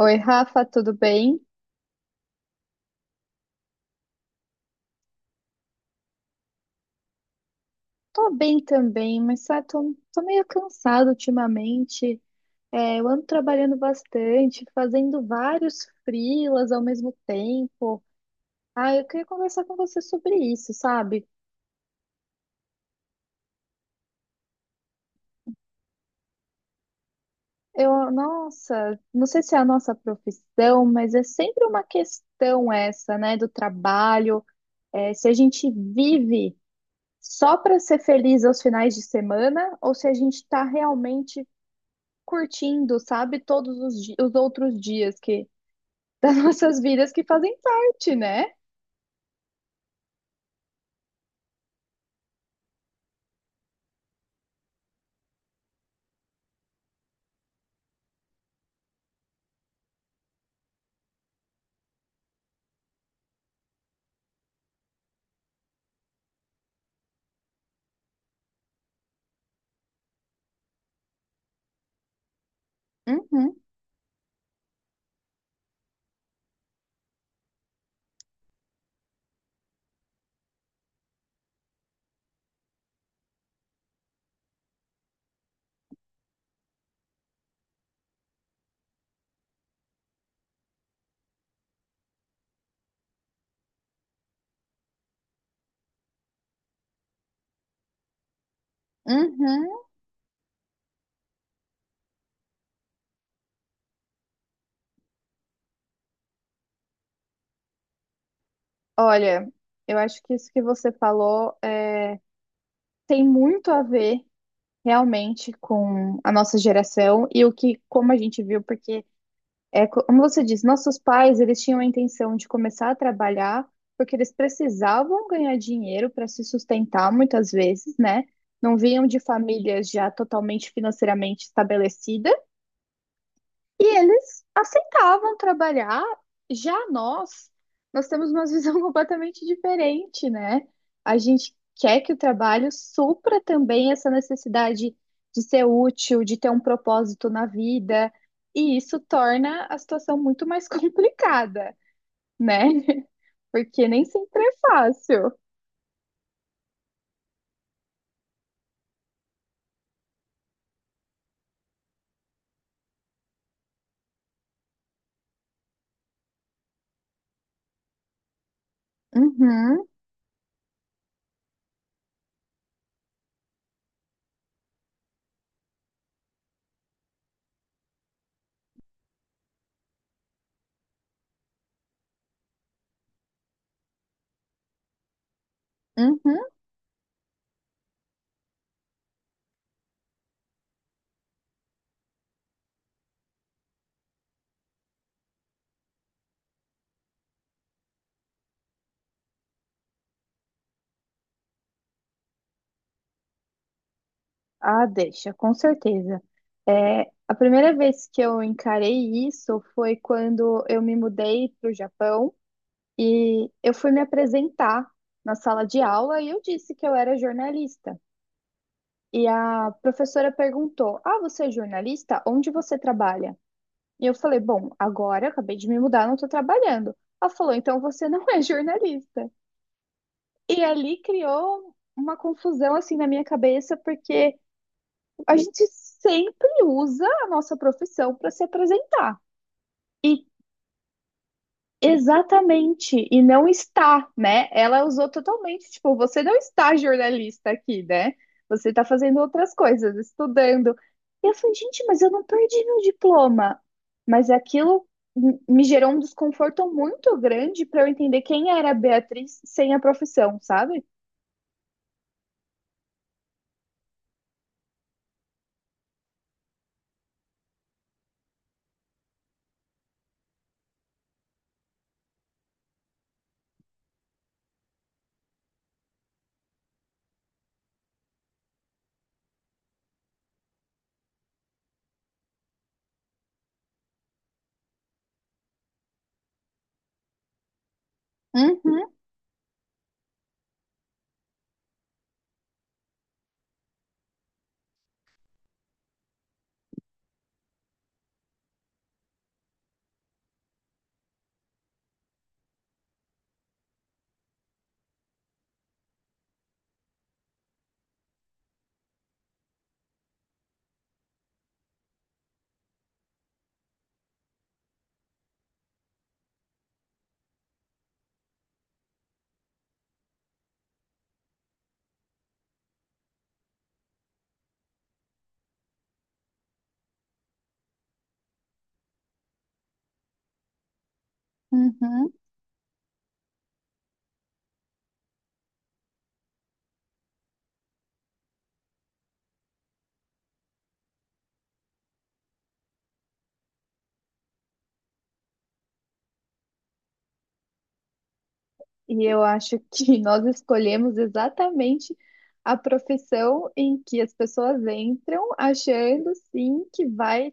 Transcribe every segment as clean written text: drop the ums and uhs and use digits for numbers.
Oi, Rafa, tudo bem? Tô bem também, mas sabe, tô meio cansada ultimamente. É, eu ando trabalhando bastante, fazendo vários freelas ao mesmo tempo. Ah, eu queria conversar com você sobre isso, sabe? Eu, nossa, não sei se é a nossa profissão, mas é sempre uma questão essa, né, do trabalho. É, se a gente vive só para ser feliz aos finais de semana ou se a gente está realmente curtindo, sabe, os outros dias que as nossas vidas que fazem parte, né? Uhum, uhum. Olha, eu acho que isso que você falou é, tem muito a ver realmente com a nossa geração e o que, como a gente viu, porque como você disse, nossos pais eles tinham a intenção de começar a trabalhar porque eles precisavam ganhar dinheiro para se sustentar muitas vezes, né? Não vinham de famílias já totalmente financeiramente estabelecidas. E eles aceitavam trabalhar. Já nós, nós temos uma visão completamente diferente, né? A gente quer que o trabalho supra também essa necessidade de ser útil, de ter um propósito na vida, e isso torna a situação muito mais complicada, né? Porque nem sempre é fácil. Uhum, uhum. Ah, deixa, com certeza. É, a primeira vez que eu encarei isso foi quando eu me mudei para o Japão e eu fui me apresentar na sala de aula e eu disse que eu era jornalista. E a professora perguntou: Ah, você é jornalista? Onde você trabalha? E eu falei: Bom, agora eu acabei de me mudar, não estou trabalhando. Ela falou: Então você não é jornalista. E ali criou uma confusão assim na minha cabeça, porque a gente sempre usa a nossa profissão para se apresentar. E exatamente, e não está, né? Ela usou totalmente, tipo, você não está jornalista aqui, né? Você está fazendo outras coisas, estudando. E eu falei, gente, mas eu não perdi meu diploma. Mas aquilo me gerou um desconforto muito grande para eu entender quem era a Beatriz sem a profissão, sabe? Uhum, uhum. E eu acho que nós escolhemos exatamente a profissão em que as pessoas entram achando sim que vai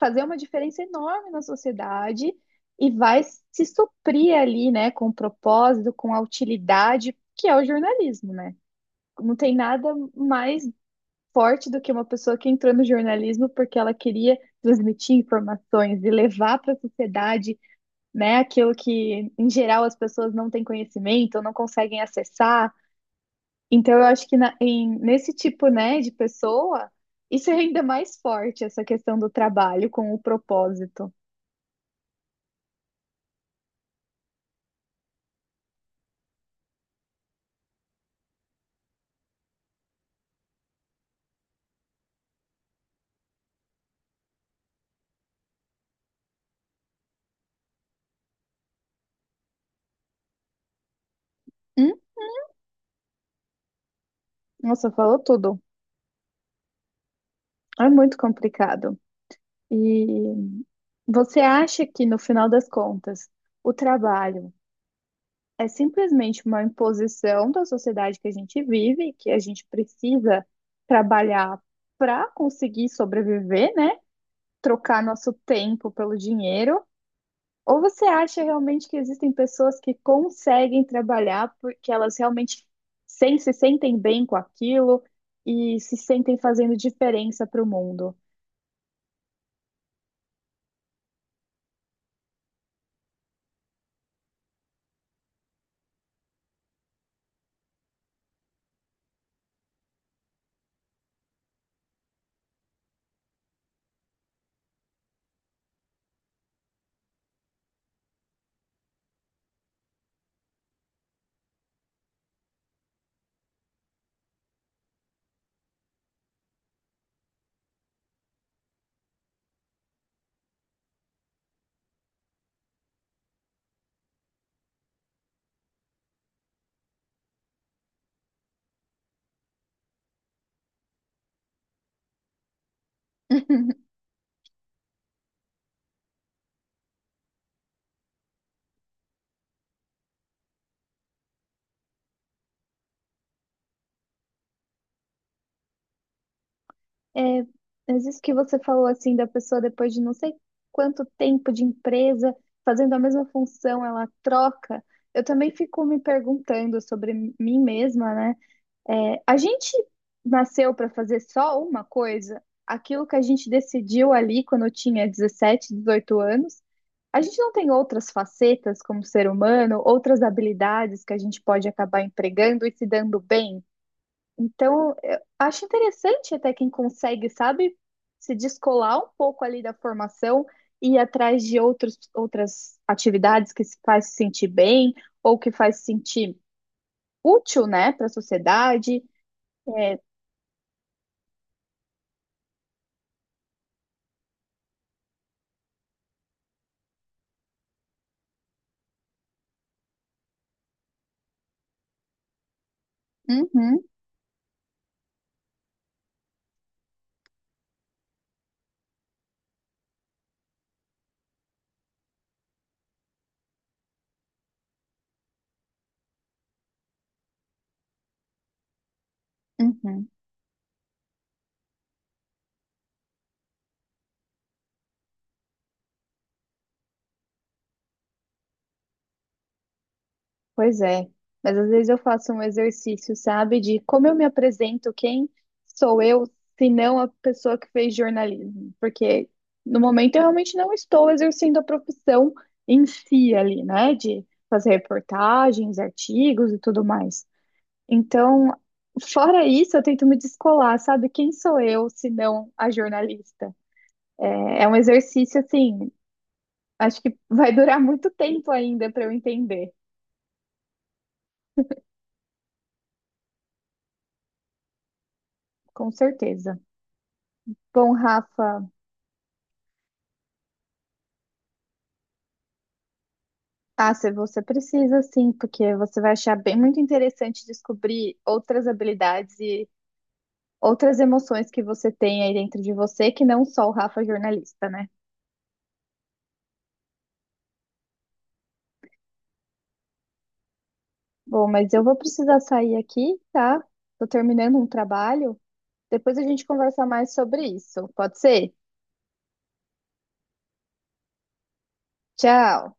fazer uma diferença enorme na sociedade e vai se suprir ali, né, com propósito, com a utilidade, que é o jornalismo, né? Não tem nada mais forte do que uma pessoa que entrou no jornalismo porque ela queria transmitir informações e levar para a sociedade, né? Aquilo que, em geral, as pessoas não têm conhecimento, ou não conseguem acessar. Então, eu acho que nesse tipo, né, de pessoa, isso é ainda mais forte, essa questão do trabalho com o propósito. Hum? Nossa, falou tudo. É muito complicado. E você acha que, no final das contas, o trabalho é simplesmente uma imposição da sociedade que a gente vive, que a gente precisa trabalhar para conseguir sobreviver, né? Trocar nosso tempo pelo dinheiro? Ou você acha realmente que existem pessoas que conseguem trabalhar porque elas realmente se sentem bem com aquilo e se sentem fazendo diferença para o mundo? É, mas isso que você falou assim da pessoa depois de não sei quanto tempo de empresa fazendo a mesma função, ela troca. Eu também fico me perguntando sobre mim mesma, né? É, a gente nasceu para fazer só uma coisa, aquilo que a gente decidiu ali quando eu tinha 17, 18 anos. A gente não tem outras facetas como ser humano, outras habilidades que a gente pode acabar empregando e se dando bem. Então, eu acho interessante até quem consegue, sabe, se descolar um pouco ali da formação e ir atrás de outras atividades que se faz se sentir bem ou que faz se sentir útil, né, para a sociedade. É, uhum, uhum. Pois é. Mas às vezes eu faço um exercício, sabe, de como eu me apresento, quem sou eu, se não a pessoa que fez jornalismo. Porque no momento eu realmente não estou exercendo a profissão em si ali, né? De fazer reportagens, artigos e tudo mais. Então, fora isso, eu tento me descolar, sabe? Quem sou eu, se não a jornalista? É é um exercício, assim, acho que vai durar muito tempo ainda para eu entender. Com certeza. Bom, Rafa, ah, se você precisa sim, porque você vai achar bem muito interessante descobrir outras habilidades e outras emoções que você tem aí dentro de você, que não só o Rafa jornalista, né? Bom, mas eu vou precisar sair aqui, tá? Tô terminando um trabalho. Depois a gente conversa mais sobre isso. Pode ser? Tchau.